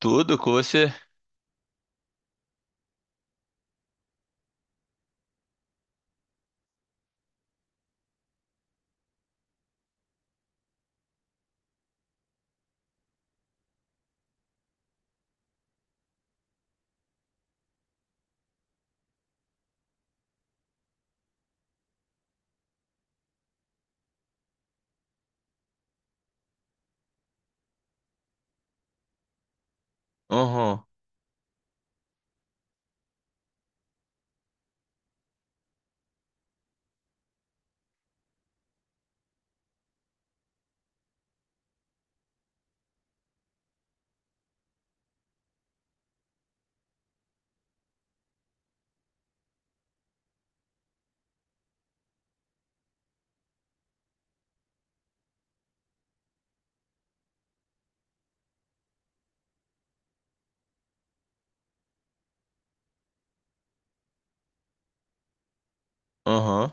Tudo com você. Uhum, uhum,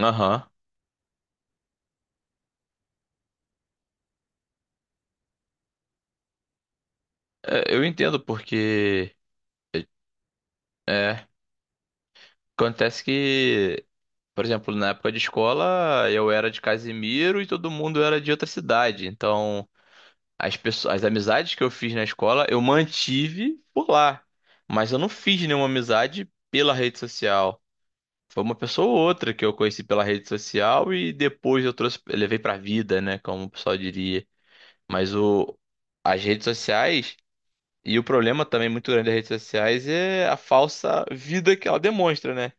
aham. É, eu entendo porque é, acontece que, por exemplo, na época de escola eu era de Casimiro e todo mundo era de outra cidade. Então, as pessoas, as amizades que eu fiz na escola eu mantive por lá, mas eu não fiz nenhuma amizade pela rede social. Foi uma pessoa ou outra que eu conheci pela rede social e depois eu trouxe, levei pra vida, né, como o pessoal diria. Mas o, as redes sociais, e o problema também muito grande das redes sociais é a falsa vida que ela demonstra, né?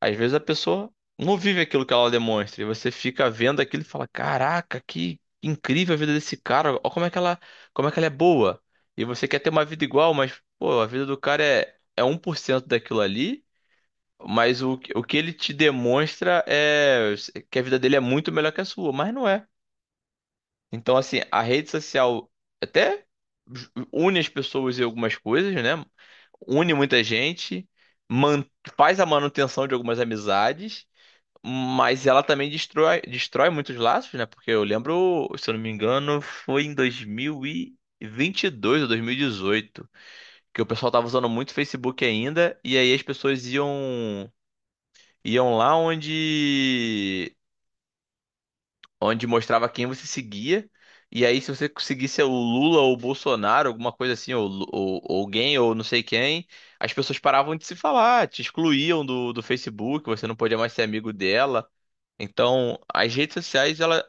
Às vezes a pessoa não vive aquilo que ela demonstra, e você fica vendo aquilo e fala: caraca, que incrível a vida desse cara, olha como é que ela, como é que ela é boa. E você quer ter uma vida igual, mas, pô, a vida do cara é 1% daquilo ali, mas o que ele te demonstra é que a vida dele é muito melhor que a sua, mas não é. Então, assim, a rede social até une as pessoas em algumas coisas, né? Une muita gente, man- faz a manutenção de algumas amizades, mas ela também destrói, destrói muitos laços, né? Porque eu lembro, se eu não me engano, foi em dois mil e vinte e dois ou 2018, que o pessoal tava usando muito Facebook ainda, e aí as pessoas iam lá onde mostrava quem você seguia. E aí, se você seguisse o Lula ou o Bolsonaro, alguma coisa assim, ou ou alguém, ou não sei quem, as pessoas paravam de se falar, te excluíam do Facebook, você não podia mais ser amigo dela. Então, as redes sociais, ela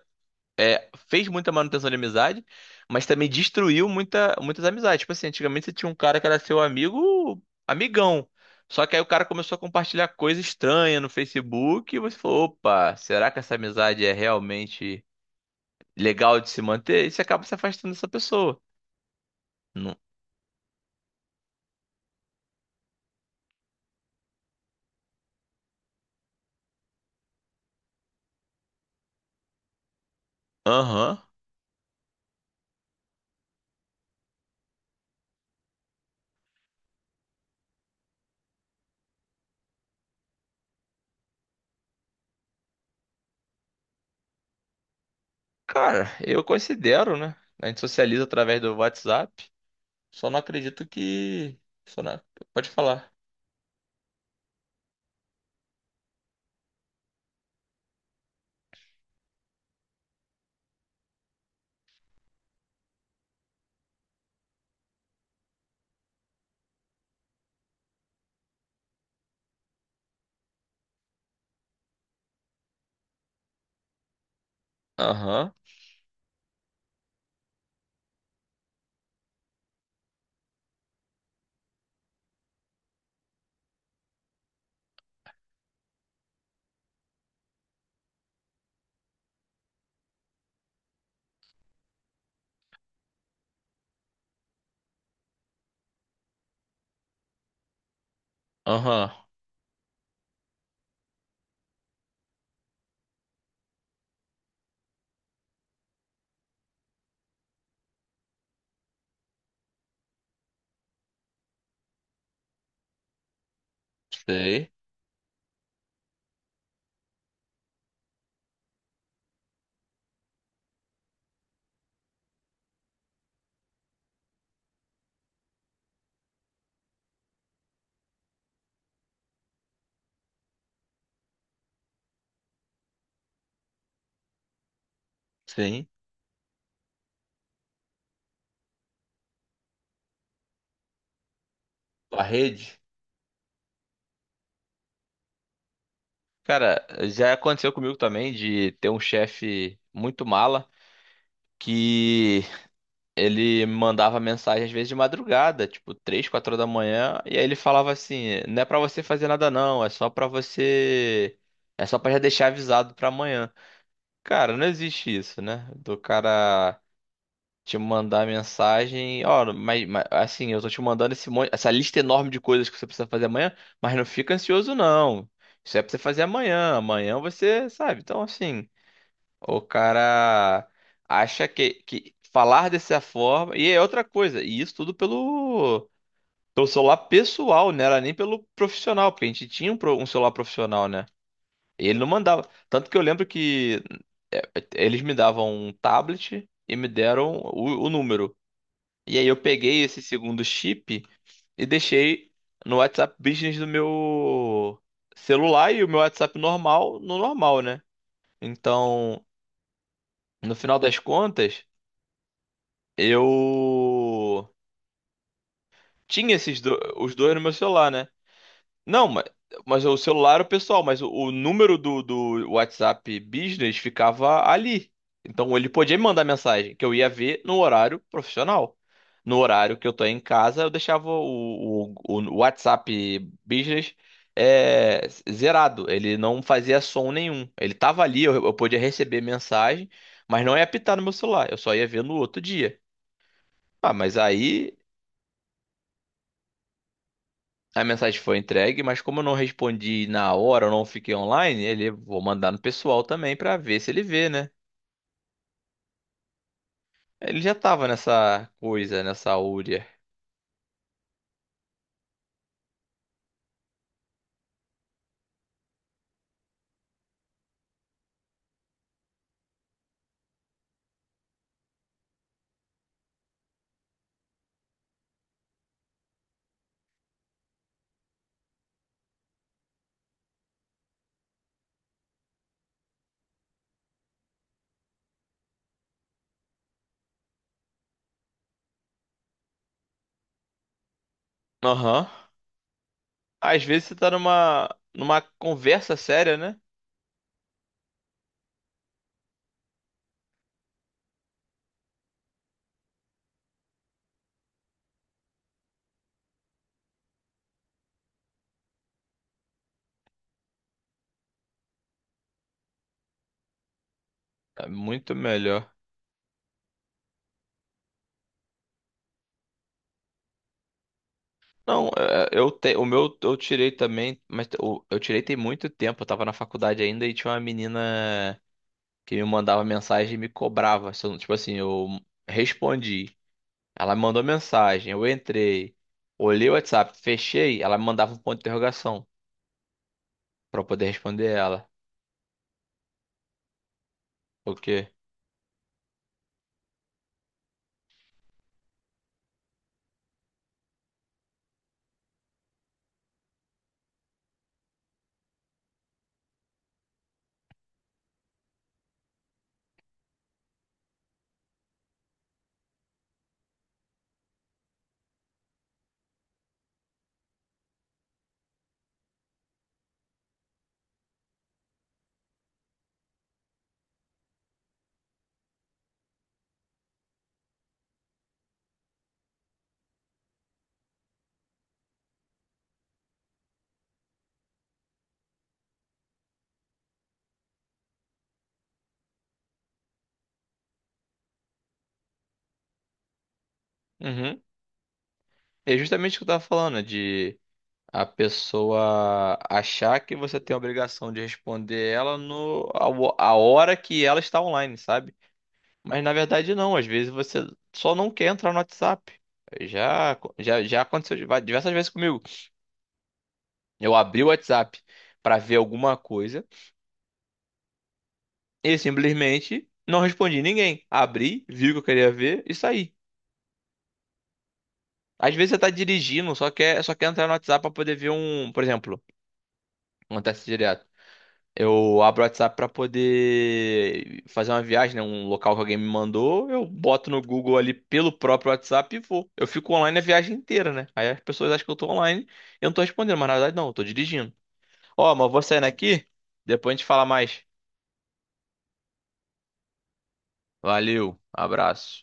fez muita manutenção de amizade, mas também destruiu muitas amizades. Tipo assim, antigamente você tinha um cara que era seu amigo, amigão. Só que aí o cara começou a compartilhar coisa estranha no Facebook e você falou, opa, será que essa amizade é realmente legal de se manter, e você acaba se afastando dessa pessoa. Não- Aham. Cara, eu considero, né? A gente socializa através do WhatsApp. Só não acredito que. Só não. Pode falar. Aham. Aham. Sei. Sim. A rede. Cara, já aconteceu comigo também de ter um chefe muito mala que ele mandava mensagem às vezes de madrugada, tipo 3, 4 horas da manhã, e aí ele falava assim: "Não é pra você fazer nada não, é só pra você, é só pra já deixar avisado pra amanhã". Cara, não existe isso, né? Do cara te mandar mensagem, ó, mas, assim, eu tô te mandando esse monte, essa lista enorme de coisas que você precisa fazer amanhã, mas não fica ansioso não. Isso é pra você fazer amanhã, amanhã você, sabe? Então, assim, o cara acha que falar dessa forma. E é outra coisa, e isso tudo pelo celular pessoal, né? Era nem pelo profissional, porque a gente tinha um celular profissional, né? E ele não mandava. Tanto que eu lembro que eles me davam um tablet e me deram o número. E aí eu peguei esse segundo chip e deixei no WhatsApp Business do meu celular e o meu WhatsApp normal no normal, né? Então, no final das contas, eu tinha os dois no meu celular, né? Não, mas o celular era o pessoal, mas o número do WhatsApp Business ficava ali. Então ele podia me mandar mensagem, que eu ia ver no horário profissional. No horário que eu tô em casa, eu deixava o WhatsApp Business, é, zerado. Ele não fazia som nenhum. Ele tava ali, eu podia receber mensagem, mas não ia apitar no meu celular. Eu só ia ver no outro dia. Ah, mas aí a mensagem foi entregue, mas como eu não respondi na hora, eu não fiquei online, ele vou mandar no pessoal também pra ver se ele vê, né? Ele já tava nessa coisa, nessa úria. Aham. Às vezes você tá numa conversa séria, né? É muito melhor. Não, é, o meu eu tirei também, mas eu tirei tem muito tempo, eu tava na faculdade ainda e tinha uma menina que me mandava mensagem e me cobrava. Se eu não- Tipo assim, eu respondi. Ela me mandou mensagem, eu entrei, olhei o WhatsApp, fechei, ela me mandava um ponto de interrogação pra eu poder responder ela. O quê? Uhum. É justamente o que eu tava falando, né, de a pessoa achar que você tem a obrigação de responder ela no a, ho- a hora que ela está online, sabe? Mas na verdade não, às vezes você só não quer entrar no WhatsApp. Já, já, já aconteceu diversas vezes comigo. Eu abri o WhatsApp pra ver alguma coisa. E simplesmente não respondi ninguém. Abri, vi o que eu queria ver e saí. Às vezes você tá dirigindo, só quer entrar no WhatsApp pra poder ver um, por exemplo, acontece direto. Eu abro o WhatsApp pra poder fazer uma viagem, né, um local que alguém me mandou, eu boto no Google ali pelo próprio WhatsApp e vou. Eu fico online a viagem inteira, né? Aí as pessoas acham que eu tô online, eu não tô respondendo, mas na verdade não, eu tô dirigindo. Ó, mas eu vou saindo aqui, depois a gente fala mais. Valeu, abraço.